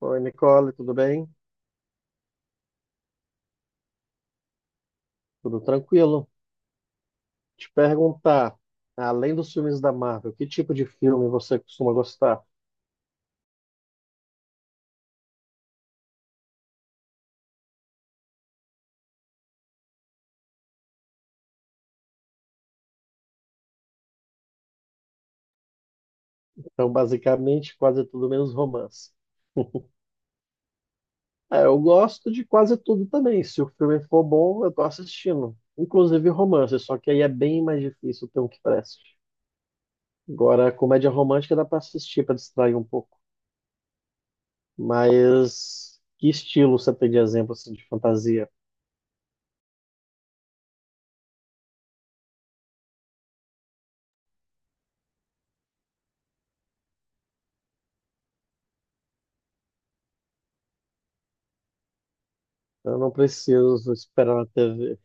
Oi, Nicole, tudo bem? Tudo tranquilo? Te perguntar, além dos filmes da Marvel, que tipo de filme você costuma gostar? Então, basicamente, quase tudo menos romance. É, eu gosto de quase tudo também. Se o filme for bom, eu tô assistindo. Inclusive romance, só que aí é bem mais difícil ter um que preste. Agora, comédia romântica dá pra assistir, pra distrair um pouco. Mas que estilo você tem de exemplo assim, de fantasia? Eu não preciso esperar na TV.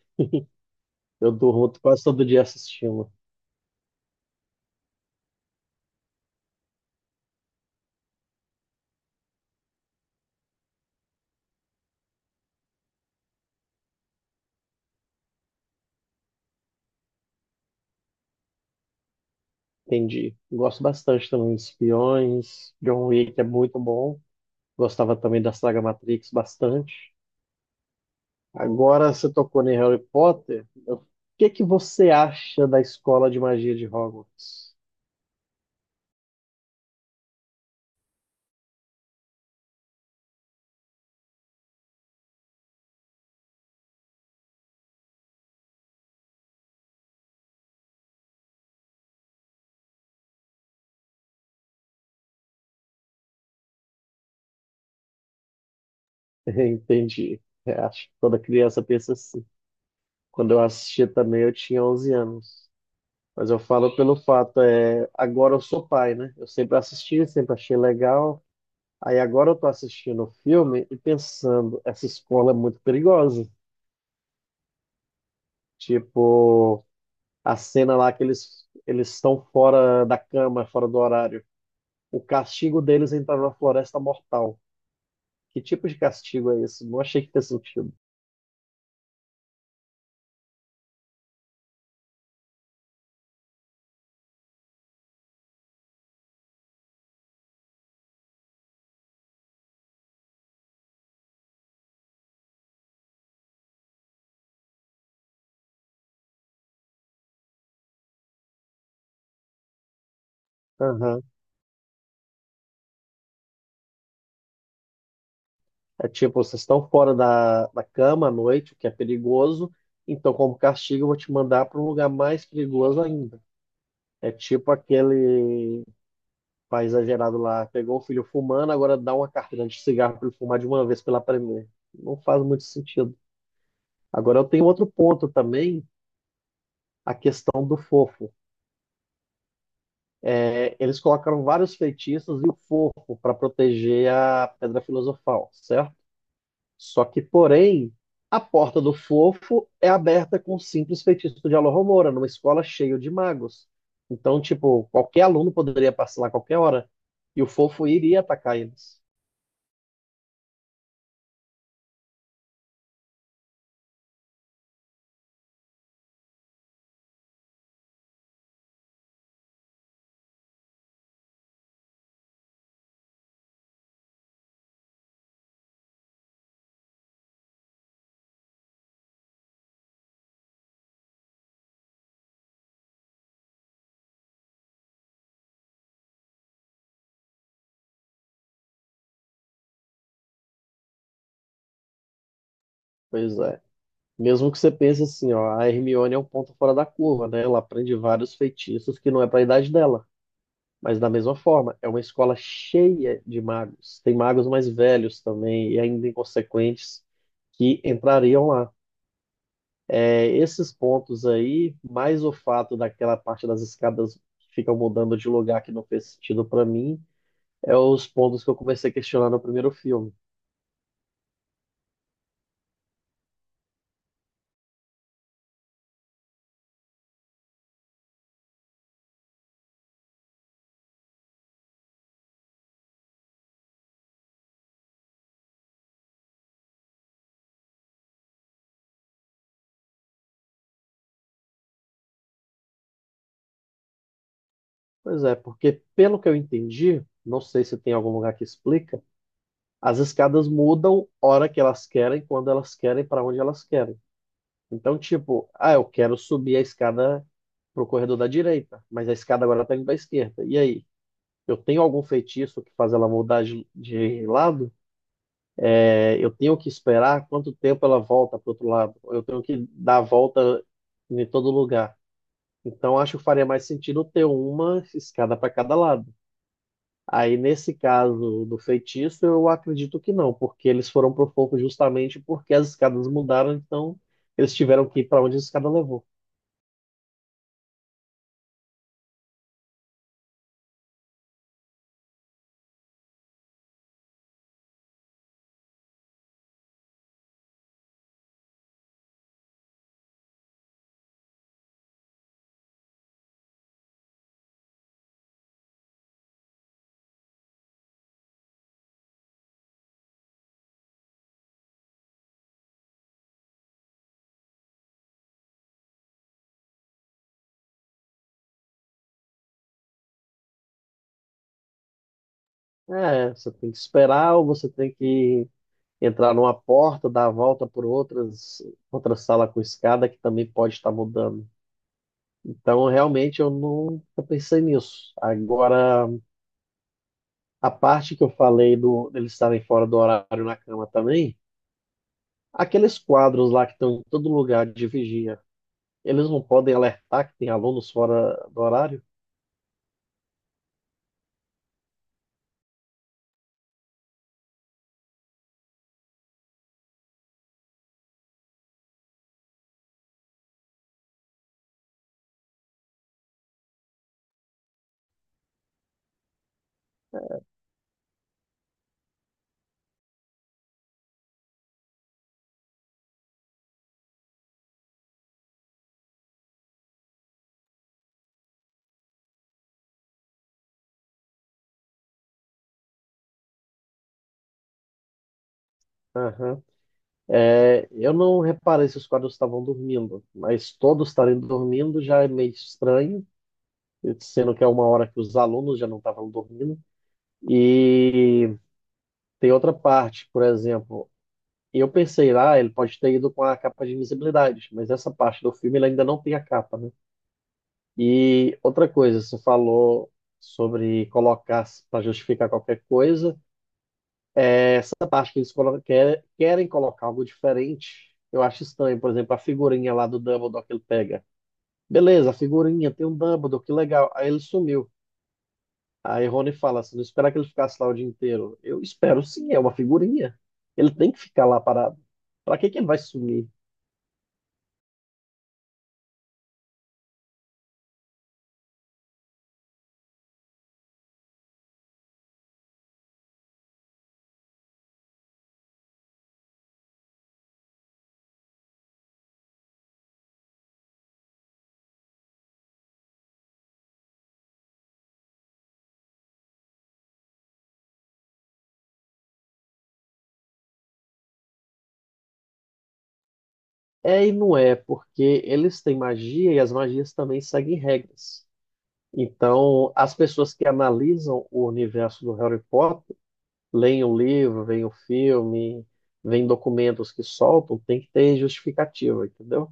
Eu durmo quase todo dia assistindo. Entendi. Gosto bastante também de Espiões. John Wick é muito bom. Gostava também da saga Matrix bastante. Agora você tocou em Harry Potter. O que é que você acha da escola de magia de Hogwarts? Entendi. É, acho que toda criança pensa assim. Quando eu assistia também, eu tinha 11 anos. Mas eu falo pelo fato, é, agora eu sou pai, né? Eu sempre assisti, sempre achei legal. Aí agora eu tô assistindo o filme e pensando, essa escola é muito perigosa. Tipo, a cena lá que eles estão fora da cama, fora do horário. O castigo deles é entrar na floresta mortal. Que tipo de castigo é esse? Não achei que fez sentido. Aham. É tipo, vocês estão fora da cama à noite, o que é perigoso. Então, como castigo, eu vou te mandar para um lugar mais perigoso ainda. É tipo aquele pai exagerado lá, pegou o filho fumando, agora dá uma carteira de cigarro para ele fumar de uma vez pela primeira. Não faz muito sentido. Agora eu tenho outro ponto também a questão do fofo. É, eles colocaram vários feitiços e o fofo para proteger a pedra filosofal, certo? Só que, porém, a porta do fofo é aberta com um simples feitiço de Alohomora, numa escola cheia de magos. Então, tipo, qualquer aluno poderia passar lá a qualquer hora e o fofo iria atacar eles. Pois é. Mesmo que você pense assim, ó, a Hermione é um ponto fora da curva, né? Ela aprende vários feitiços que não é para a idade dela. Mas da mesma forma, é uma escola cheia de magos. Tem magos mais velhos também e ainda inconsequentes que entrariam lá. É, esses pontos aí, mais o fato daquela parte das escadas que ficam mudando de lugar que não fez sentido para mim, é os pontos que eu comecei a questionar no primeiro filme. Pois é, porque pelo que eu entendi, não sei se tem algum lugar que explica, as escadas mudam hora que elas querem, quando elas querem, para onde elas querem. Então, tipo, ah, eu quero subir a escada pro corredor da direita, mas a escada agora tá indo pra esquerda. E aí? Eu tenho algum feitiço que faz ela mudar de lado? É, eu tenho que esperar quanto tempo ela volta pro outro lado? Eu tenho que dar a volta em todo lugar. Então, acho que faria mais sentido ter uma escada para cada lado. Aí, nesse caso do feitiço, eu acredito que não, porque eles foram pro fogo justamente porque as escadas mudaram, então eles tiveram que ir para onde a escada levou. É, você tem que esperar ou você tem que entrar numa porta, dar a volta por outras, outra sala com escada que também pode estar mudando. Então, realmente, eu nunca pensei nisso. Agora, a parte que eu falei do deles estarem fora do horário na cama também, aqueles quadros lá que estão em todo lugar de vigia, eles não podem alertar que tem alunos fora do horário? Aham. É, eu não reparei se os quadros estavam dormindo, mas todos estarem dormindo já é meio estranho, sendo que é uma hora que os alunos já não estavam dormindo. E tem outra parte, por exemplo, eu pensei lá, ele pode ter ido com a capa de invisibilidade, mas essa parte do filme ele ainda não tem a capa, né? E outra coisa, você falou sobre colocar para justificar qualquer coisa. Essa parte que eles colocam, querem colocar algo diferente, eu acho estranho. Por exemplo, a figurinha lá do Dumbledore que ele pega. Beleza, a figurinha tem um Dumbledore, que legal. Aí ele sumiu. Aí Rony fala, se não esperar que ele ficasse lá o dia inteiro. Eu espero sim, é uma figurinha. Ele tem que ficar lá parado. Pra que que ele vai sumir? É e não é, porque eles têm magia e as magias também seguem regras. Então, as pessoas que analisam o universo do Harry Potter, leem o livro, veem o filme, veem documentos que soltam, tem que ter justificativa, entendeu?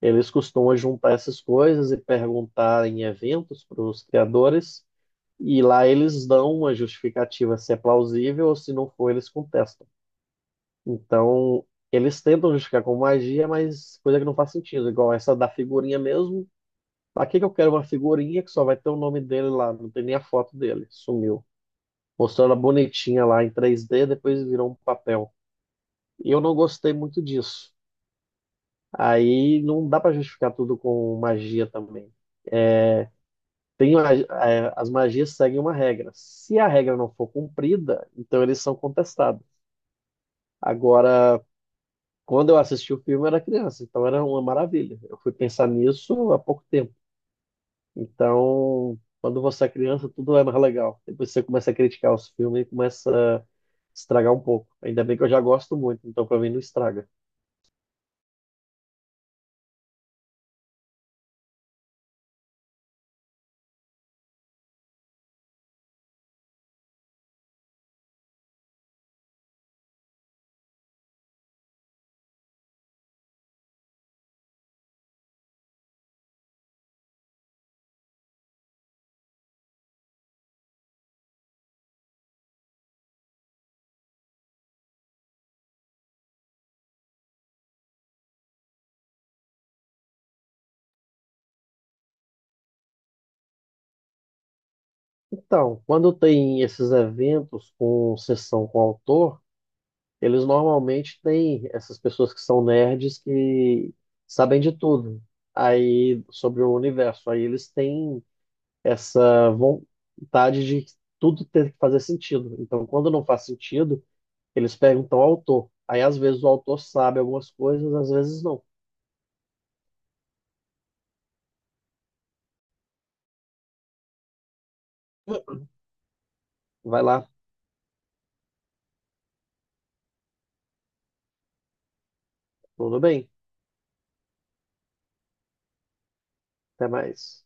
Eles costumam juntar essas coisas e perguntar em eventos para os criadores, e lá eles dão uma justificativa se é plausível ou se não for, eles contestam. Então, eles tentam justificar com magia, mas coisa que não faz sentido, igual essa da figurinha mesmo. Pra que que eu quero uma figurinha que só vai ter o nome dele lá? Não tem nem a foto dele, sumiu. Mostrou ela bonitinha lá em 3D depois virou um papel. E eu não gostei muito disso. Aí não dá para justificar tudo com magia também. É, as magias seguem uma regra. Se a regra não for cumprida, então eles são contestados. Agora, quando eu assisti o filme, eu era criança, então era uma maravilha. Eu fui pensar nisso há pouco tempo. Então, quando você é criança, tudo é mais legal. Depois você começa a criticar os filmes e começa a estragar um pouco. Ainda bem que eu já gosto muito, então para mim não estraga. Então, quando tem esses eventos com sessão com autor, eles normalmente têm essas pessoas que são nerds que sabem de tudo aí sobre o universo. Aí eles têm essa vontade de tudo ter que fazer sentido. Então, quando não faz sentido, eles perguntam ao autor. Aí às vezes o autor sabe algumas coisas, às vezes não. Vai lá, tudo bem, até mais.